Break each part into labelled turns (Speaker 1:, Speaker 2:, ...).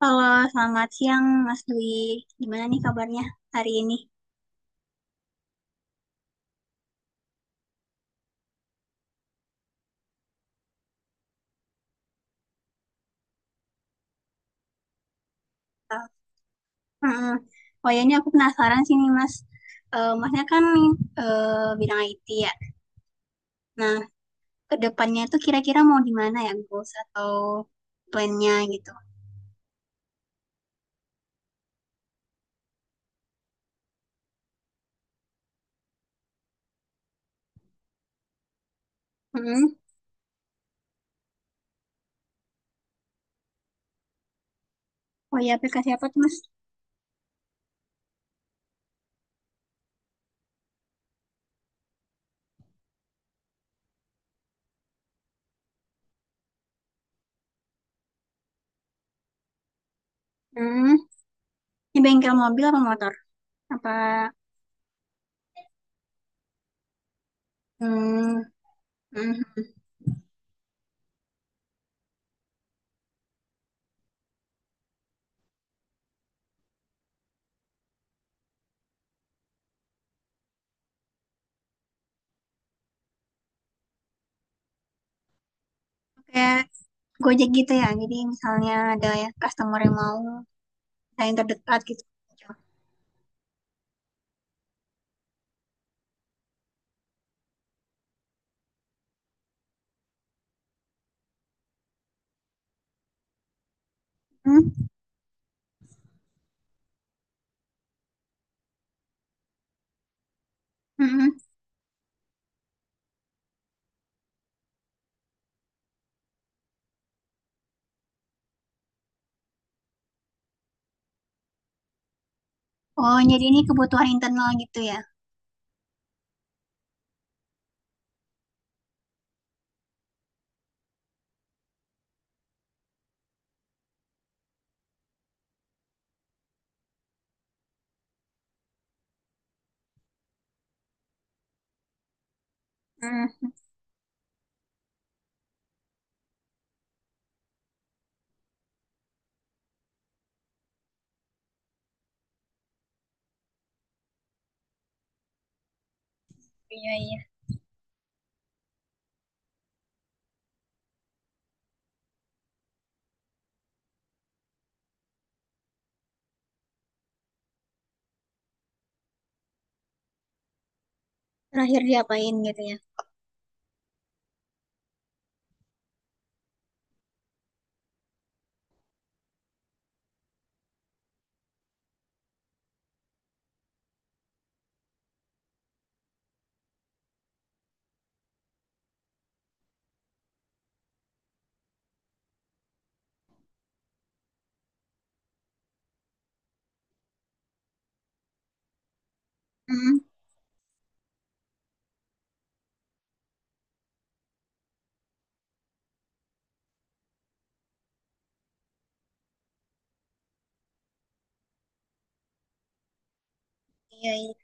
Speaker 1: Halo, selamat siang Mas Dwi. Gimana nih kabarnya hari ini? Mm-mm. Oh ya, ini aku penasaran sih nih Mas. Masnya kan bidang IT ya. Nah, ke depannya itu kira-kira mau di mana ya goals atau plannya gitu? Mm-mm. Oh ya, aplikasi apa tuh Mas? Mm-mm. Ini bengkel mobil apa motor? Apa? Mm, mm. Kayak Gojek gitu ya. Jadi misalnya ada ya customer yang mau saya yang terdekat gitu. mm Oh, jadi ini kebutuhan internal gitu ya? Hmm, iya iya. Terakhir diapain gitu ya? Hmm, iya iya.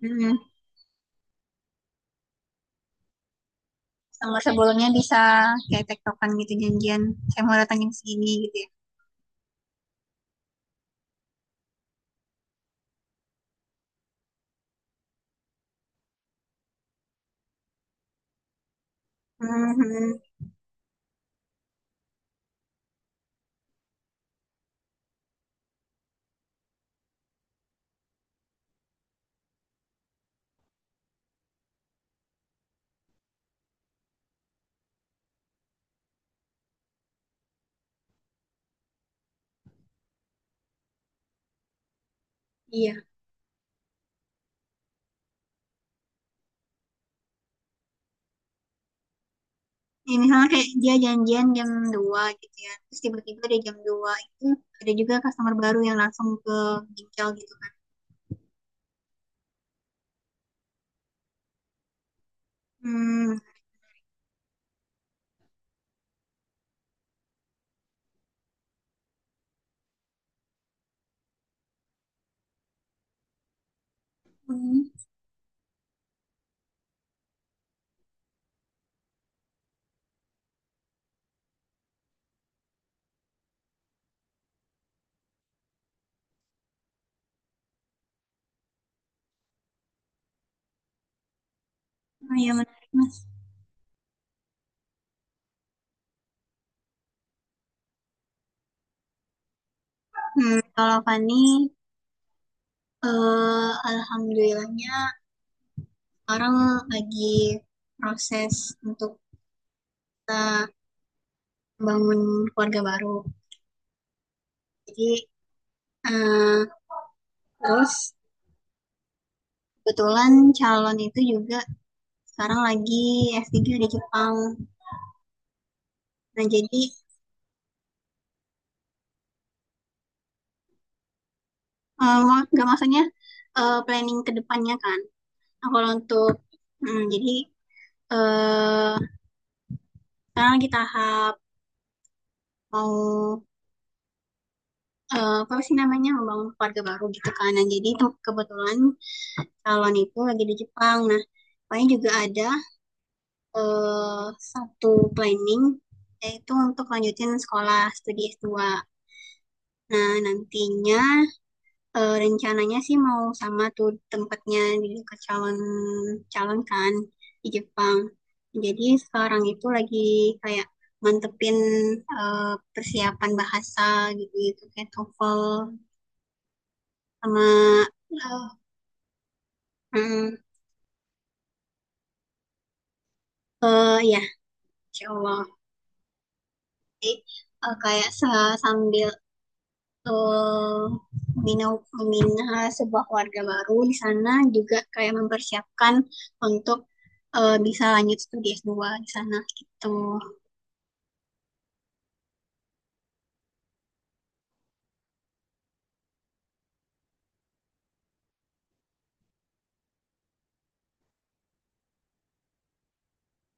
Speaker 1: Hmm, sama sebelumnya bisa kayak tektokan gitu janjian. Saya mau datang jam segini gitu ya. Hmm, hmm, iya. Ya, misalnya kayak dia janjian jam 2 gitu ya. Terus tiba-tiba dia jam 2 itu ada juga customer baru yang langsung ke ginjal gitu kan. Hmm, hmm. Oh, iya menarik mas. Hmm, kalau Fani, alhamdulillahnya sekarang lagi proses untuk kita bangun keluarga baru. Jadi eh, terus kebetulan calon itu juga sekarang lagi S3 di Jepang. Nah jadi mau nggak maksudnya planning kedepannya kan. Nah, kalau untuk hmm, jadi eh sekarang lagi tahap mau apa sih namanya membangun keluarga baru gitu kan. Nah, jadi kebetulan calon itu lagi di Jepang. Nah, pokoknya juga ada eh, satu planning yaitu untuk lanjutin sekolah studi S2. Nah, nantinya rencananya sih mau sama tuh tempatnya di dekat calon calon kan di Jepang. Jadi sekarang itu lagi kayak mantepin eh, persiapan bahasa gitu-gitu kayak TOEFL sama eh, mm, ya, Insya Allah. Jadi, kayak sambil eh, membina membina sebuah keluarga baru di sana juga kayak mempersiapkan untuk bisa lanjut studi s dua di sana gitu.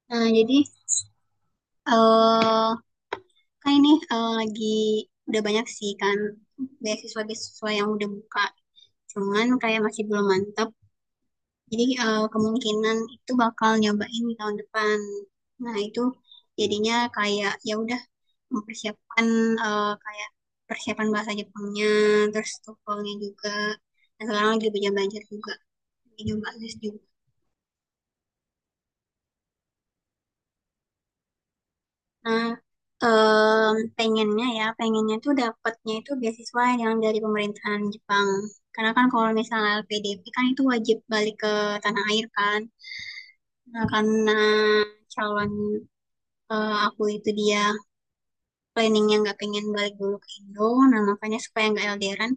Speaker 1: Nah, jadi eh kan ini lagi udah banyak sih kan beasiswa-beasiswa yang udah buka. Cuman kayak masih belum mantap. Jadi kemungkinan itu bakal nyobain di tahun depan. Nah, itu jadinya kayak ya udah mempersiapkan kayak persiapan bahasa Jepangnya, terus TOEFL-nya juga. Dan sekarang lagi belajar-belajar juga, lagi nyoba les juga. Nah, pengennya ya, pengennya tuh dapatnya itu beasiswa yang dari pemerintahan Jepang. Karena kan kalau misalnya LPDP kan itu wajib balik ke tanah air kan. Nah, karena calon aku itu dia planningnya nggak pengen balik dulu ke Indo, nah makanya supaya nggak elderan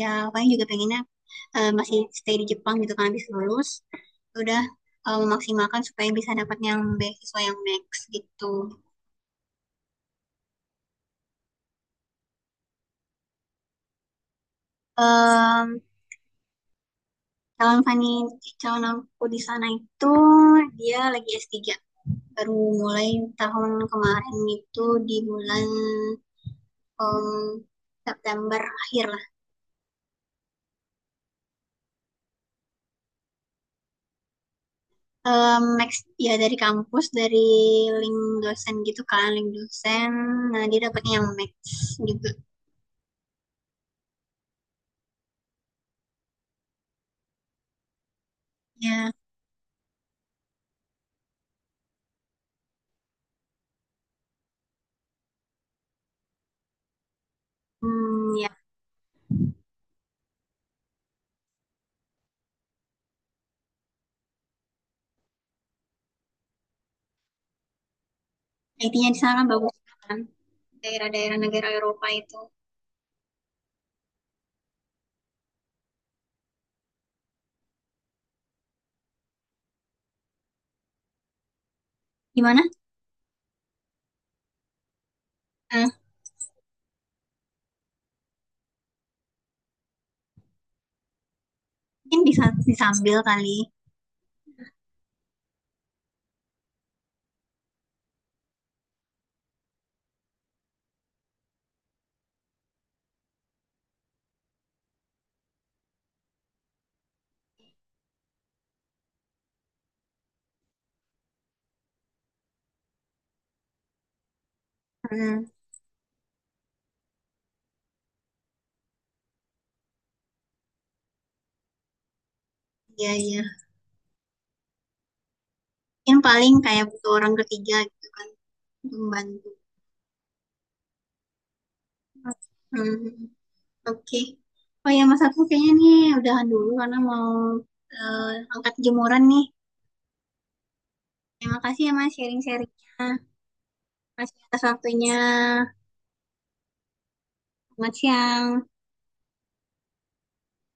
Speaker 1: ya paling juga pengennya masih stay di Jepang gitu kan habis lulus udah memaksimalkan supaya bisa dapat yang beasiswa yang max gitu. Em, Calon Fani calon aku di sana itu dia lagi s tiga baru mulai tahun kemarin itu di bulan em, September akhir lah. Em, Max ya dari kampus dari link dosen gitu kan link dosen nah dia dapatnya yang max juga. Ya hmm, ya IT-nya di sana kan bagus kan daerah-daerah negara Eropa itu gimana. Eh, Mungkin bisa disambil kali hmm, iya iya mungkin paling kayak butuh orang ketiga gitu kan untuk membantu hmm, oke. Oh ya Mas aku kayaknya nih udahan dulu karena mau eh, angkat jemuran nih terima kasih ya Mas sharing-sharingnya. Terima kasih atas waktunya, selamat siang.